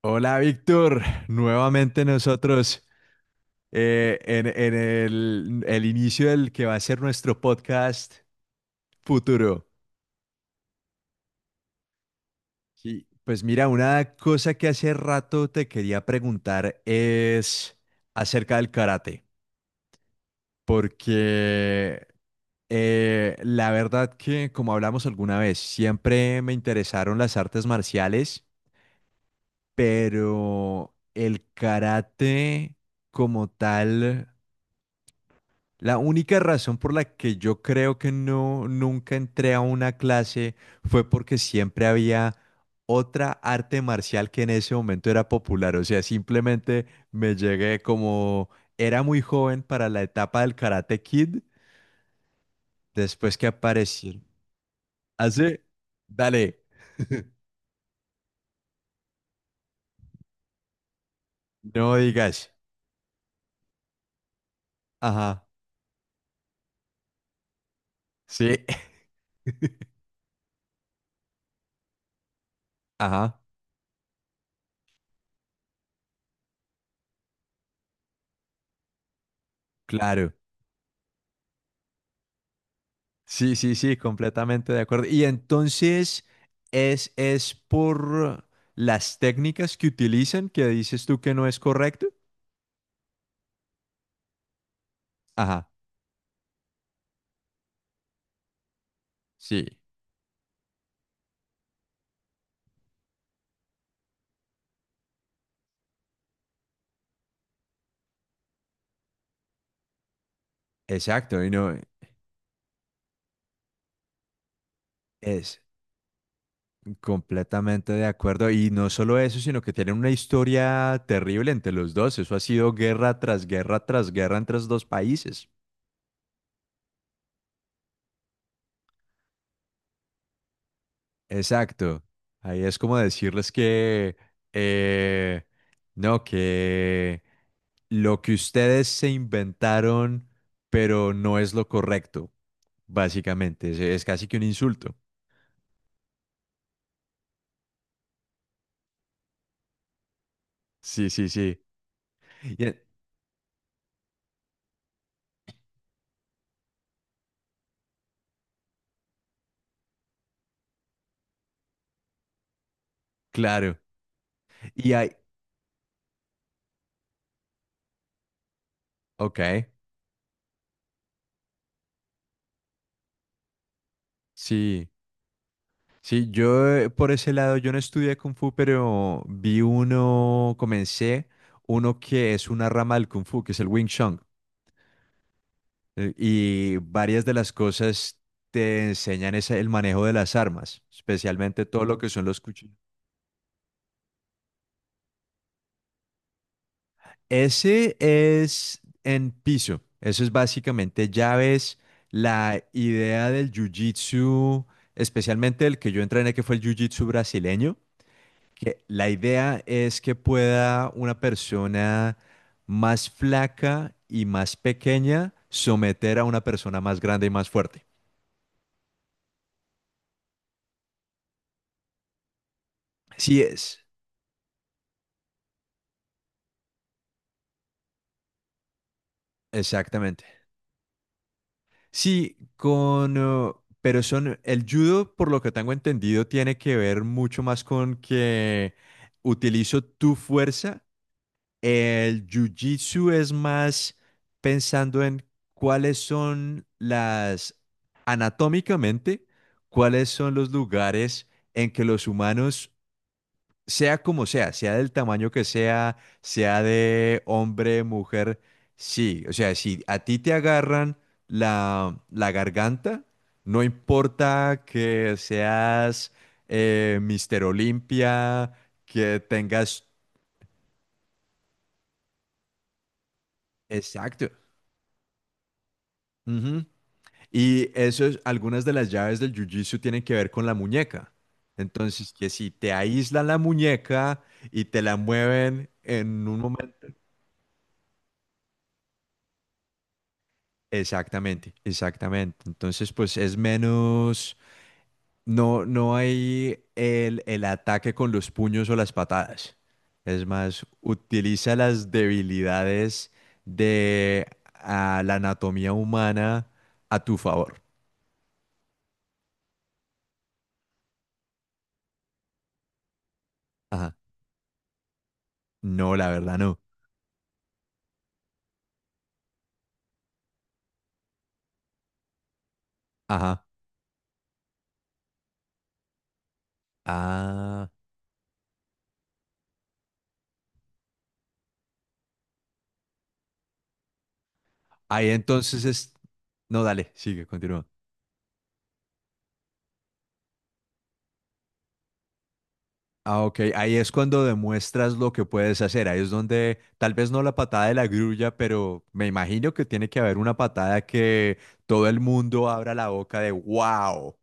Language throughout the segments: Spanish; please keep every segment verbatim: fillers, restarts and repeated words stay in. Hola Víctor, nuevamente nosotros eh, en, en el, el inicio del que va a ser nuestro podcast futuro. Sí, pues mira, una cosa que hace rato te quería preguntar es acerca del karate, porque eh, la verdad que, como hablamos alguna vez, siempre me interesaron las artes marciales, pero el karate como tal. La única razón por la que yo creo que no nunca entré a una clase fue porque siempre había otra arte marcial que en ese momento era popular. O sea, simplemente me llegué como era muy joven para la etapa del Karate Kid, después que apareció. Hace, dale, no digas. Ajá, sí, ajá, claro. Sí, sí, sí, completamente de acuerdo. Y entonces es, es por las técnicas que utilizan que dices tú que no es correcto. Ajá, sí, exacto. Y no es completamente de acuerdo. Y no solo eso, sino que tienen una historia terrible entre los dos. Eso ha sido guerra tras guerra tras guerra entre los dos países. Exacto. Ahí es como decirles que, eh, no, que lo que ustedes se inventaron, pero no es lo correcto, básicamente. Es, es casi que un insulto. Sí, sí, sí. Y e- claro. Y hay, ok, sí. Sí, yo eh, por ese lado, yo no estudié Kung Fu, pero vi uno, comencé uno que es una rama del Kung Fu, que es el Wing Chun. Eh, Y varias de las cosas te enseñan ese- el manejo de las armas, especialmente todo lo que son los cuchillos. Ese es en piso. Eso es básicamente llaves. La idea del jiu-jitsu, especialmente el que yo entrené, que fue el jiu-jitsu brasileño, que la idea es que pueda una persona más flaca y más pequeña someter a una persona más grande y más fuerte. Así es, exactamente. Sí, con, eh, pero son, el judo, por lo que tengo entendido, tiene que ver mucho más con que utilizo tu fuerza. El jiu-jitsu es más pensando en cuáles son las, anatómicamente, cuáles son los lugares en que los humanos sea como sea, sea del tamaño que sea, sea de hombre, mujer, sí, o sea, si a ti te agarran la, la garganta, no importa que seas eh, Mister Olimpia, que tengas. Exacto. Ujú. Y eso es, algunas de las llaves del Jiu-Jitsu tienen que ver con la muñeca. Entonces, que si te aíslan la muñeca y te la mueven en un momento. Exactamente, exactamente. Entonces, pues es menos, no, no hay el, el ataque con los puños o las patadas. Es más, utiliza las debilidades de ah, la anatomía humana a tu favor. Ajá. No, la verdad no. Ajá. Ah. Ahí entonces es. No, dale, sigue, continúa. Ah, ok. Ahí es cuando demuestras lo que puedes hacer. Ahí es donde, tal vez no la patada de la grulla, pero me imagino que tiene que haber una patada que todo el mundo abra la boca de wow.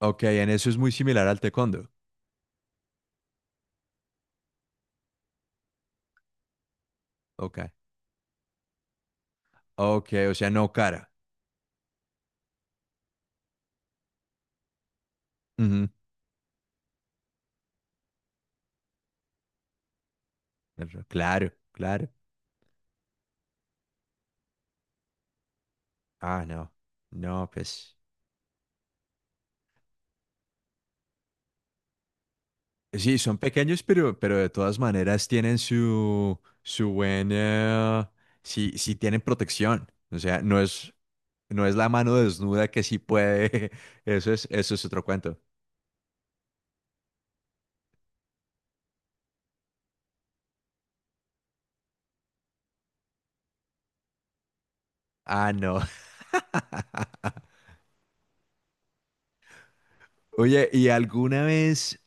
Ok, en eso es muy similar al taekwondo. Ok. Ok, o sea, no cara. Ujú. Pero claro, claro. Ah, no. No, pues. Sí, son pequeños, pero, pero de todas maneras tienen su, su buena. Sí, sí tienen protección. O sea, no es. No es la mano desnuda que sí puede. Eso es, eso es otro cuento. Ah, no. Oye, ¿y alguna vez,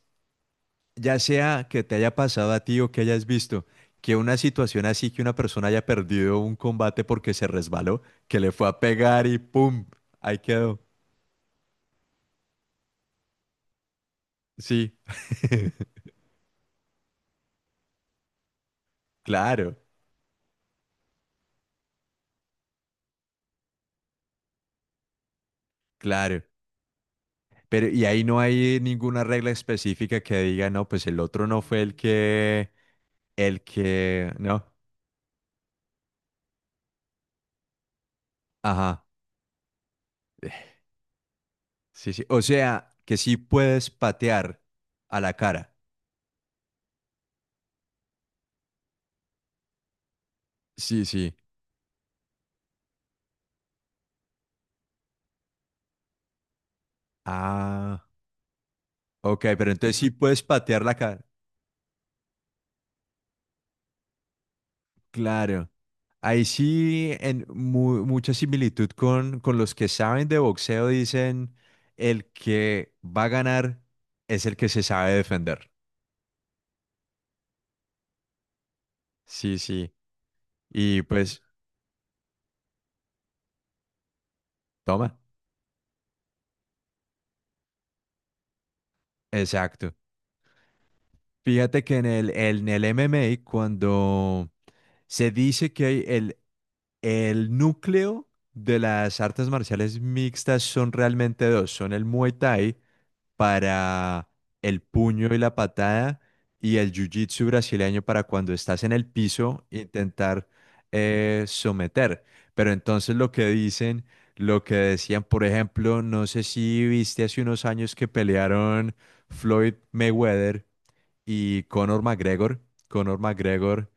ya sea que te haya pasado a ti o que hayas visto, que una situación así que una persona haya perdido un combate porque se resbaló, que le fue a pegar y ¡pum! Ahí quedó. Sí, claro, claro. Pero y ahí no hay ninguna regla específica que diga, no, pues el otro no fue el que, el que, no. Ajá. Sí, sí. O sea, que sí puedes patear a la cara. Sí, sí. Ah, ok, pero entonces sí puedes patear la cara. Claro. Ahí sí, en mu- mucha similitud con, con, los que saben de boxeo, dicen, el que va a ganar es el que se sabe defender. Sí, sí. Y pues, toma. Exacto. Fíjate que en el, en el M M A, cuando se dice que hay el, el núcleo de las artes marciales mixtas son realmente dos, son el Muay Thai para el puño y la patada y el Jiu-Jitsu brasileño para cuando estás en el piso intentar eh, someter. Pero entonces lo que dicen, lo que decían, por ejemplo, no sé si viste hace unos años que pelearon Floyd Mayweather y Conor McGregor. Conor McGregor,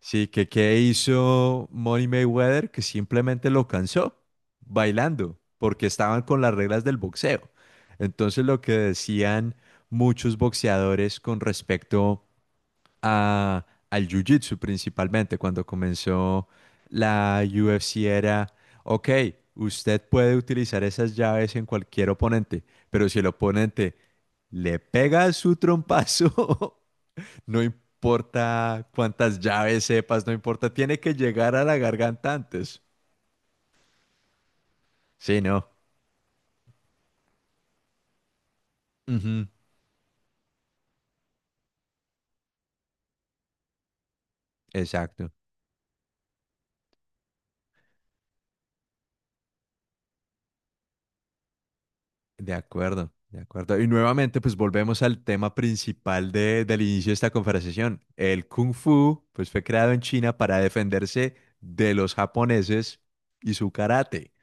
sí, que qué hizo Money Mayweather, que simplemente lo cansó bailando, porque estaban con las reglas del boxeo. Entonces lo que decían muchos boxeadores con respecto a, al jiu-jitsu principalmente, cuando comenzó la U F C era, ok, usted puede utilizar esas llaves en cualquier oponente, pero si el oponente le pega su trompazo. No importa cuántas llaves sepas, no importa, tiene que llegar a la garganta antes. Sí, no. Ujú. Exacto. De acuerdo, de acuerdo. Y nuevamente, pues volvemos al tema principal de- del inicio de esta conversación. El Kung Fu, pues fue creado en China para defenderse de los japoneses y su karate.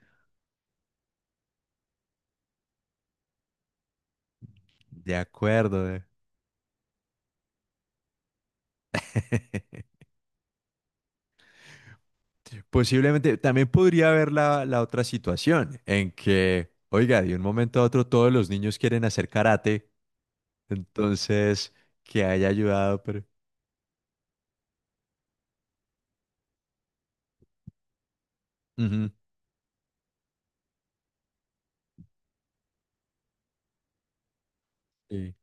De acuerdo. eh. Posiblemente también podría haber la, la otra situación en que, oiga, de un momento a otro todos los niños quieren hacer karate. Entonces, que haya ayudado, pero. Ujú, sí.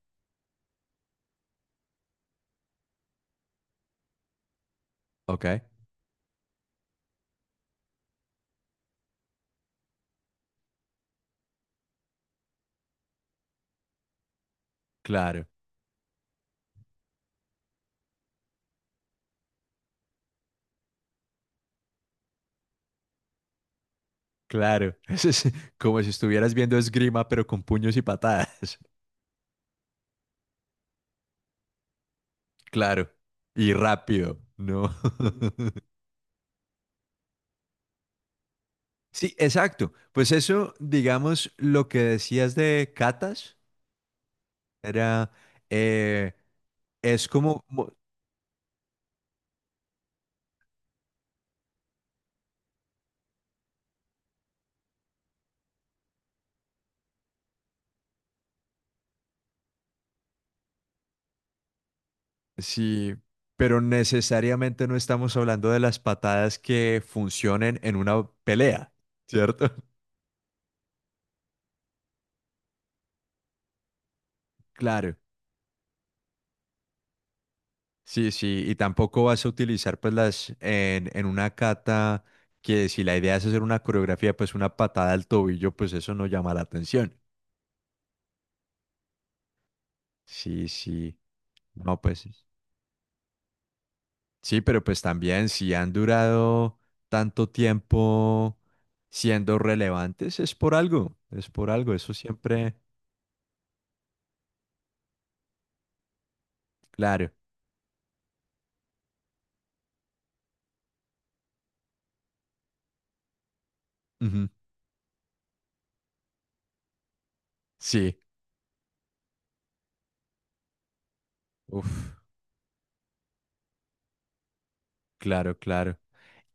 Ok, claro, claro. Eso es como si estuvieras viendo esgrima, pero con puños y patadas. Claro. Y rápido, ¿no? Sí, exacto. Pues eso, digamos, lo que decías de catas, era. Eh, es como, mo- sí, pero necesariamente no estamos hablando de las patadas que funcionen en una pelea, ¿cierto? Claro. Sí, sí, y tampoco vas a utilizar pues las en, en una cata que si la idea es hacer una coreografía, pues una patada al tobillo, pues eso no llama la atención. Sí, sí. No, pues sí, pero pues también si han durado tanto tiempo siendo relevantes, es por algo, es por algo, eso siempre, claro. Ujú. Sí, uf, claro, claro.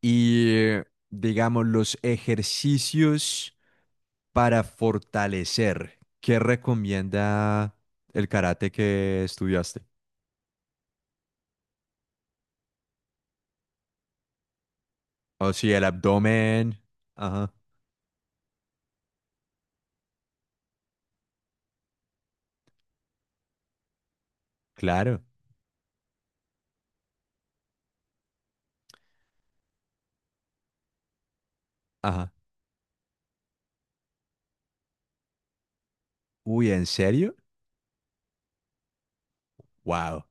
Y eh, digamos los ejercicios para fortalecer. ¿Qué recomienda el karate que estudiaste? O sí, el abdomen. Ajá, claro. Ajá. Uy, ¿en serio? Wow.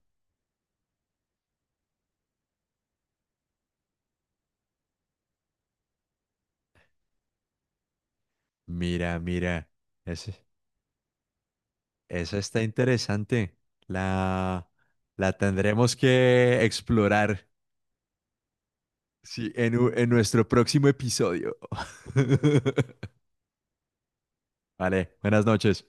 Mira, mira. Ese, esa está interesante. La, la tendremos que explorar. Sí, en, u- en nuestro próximo episodio. Vale, buenas noches.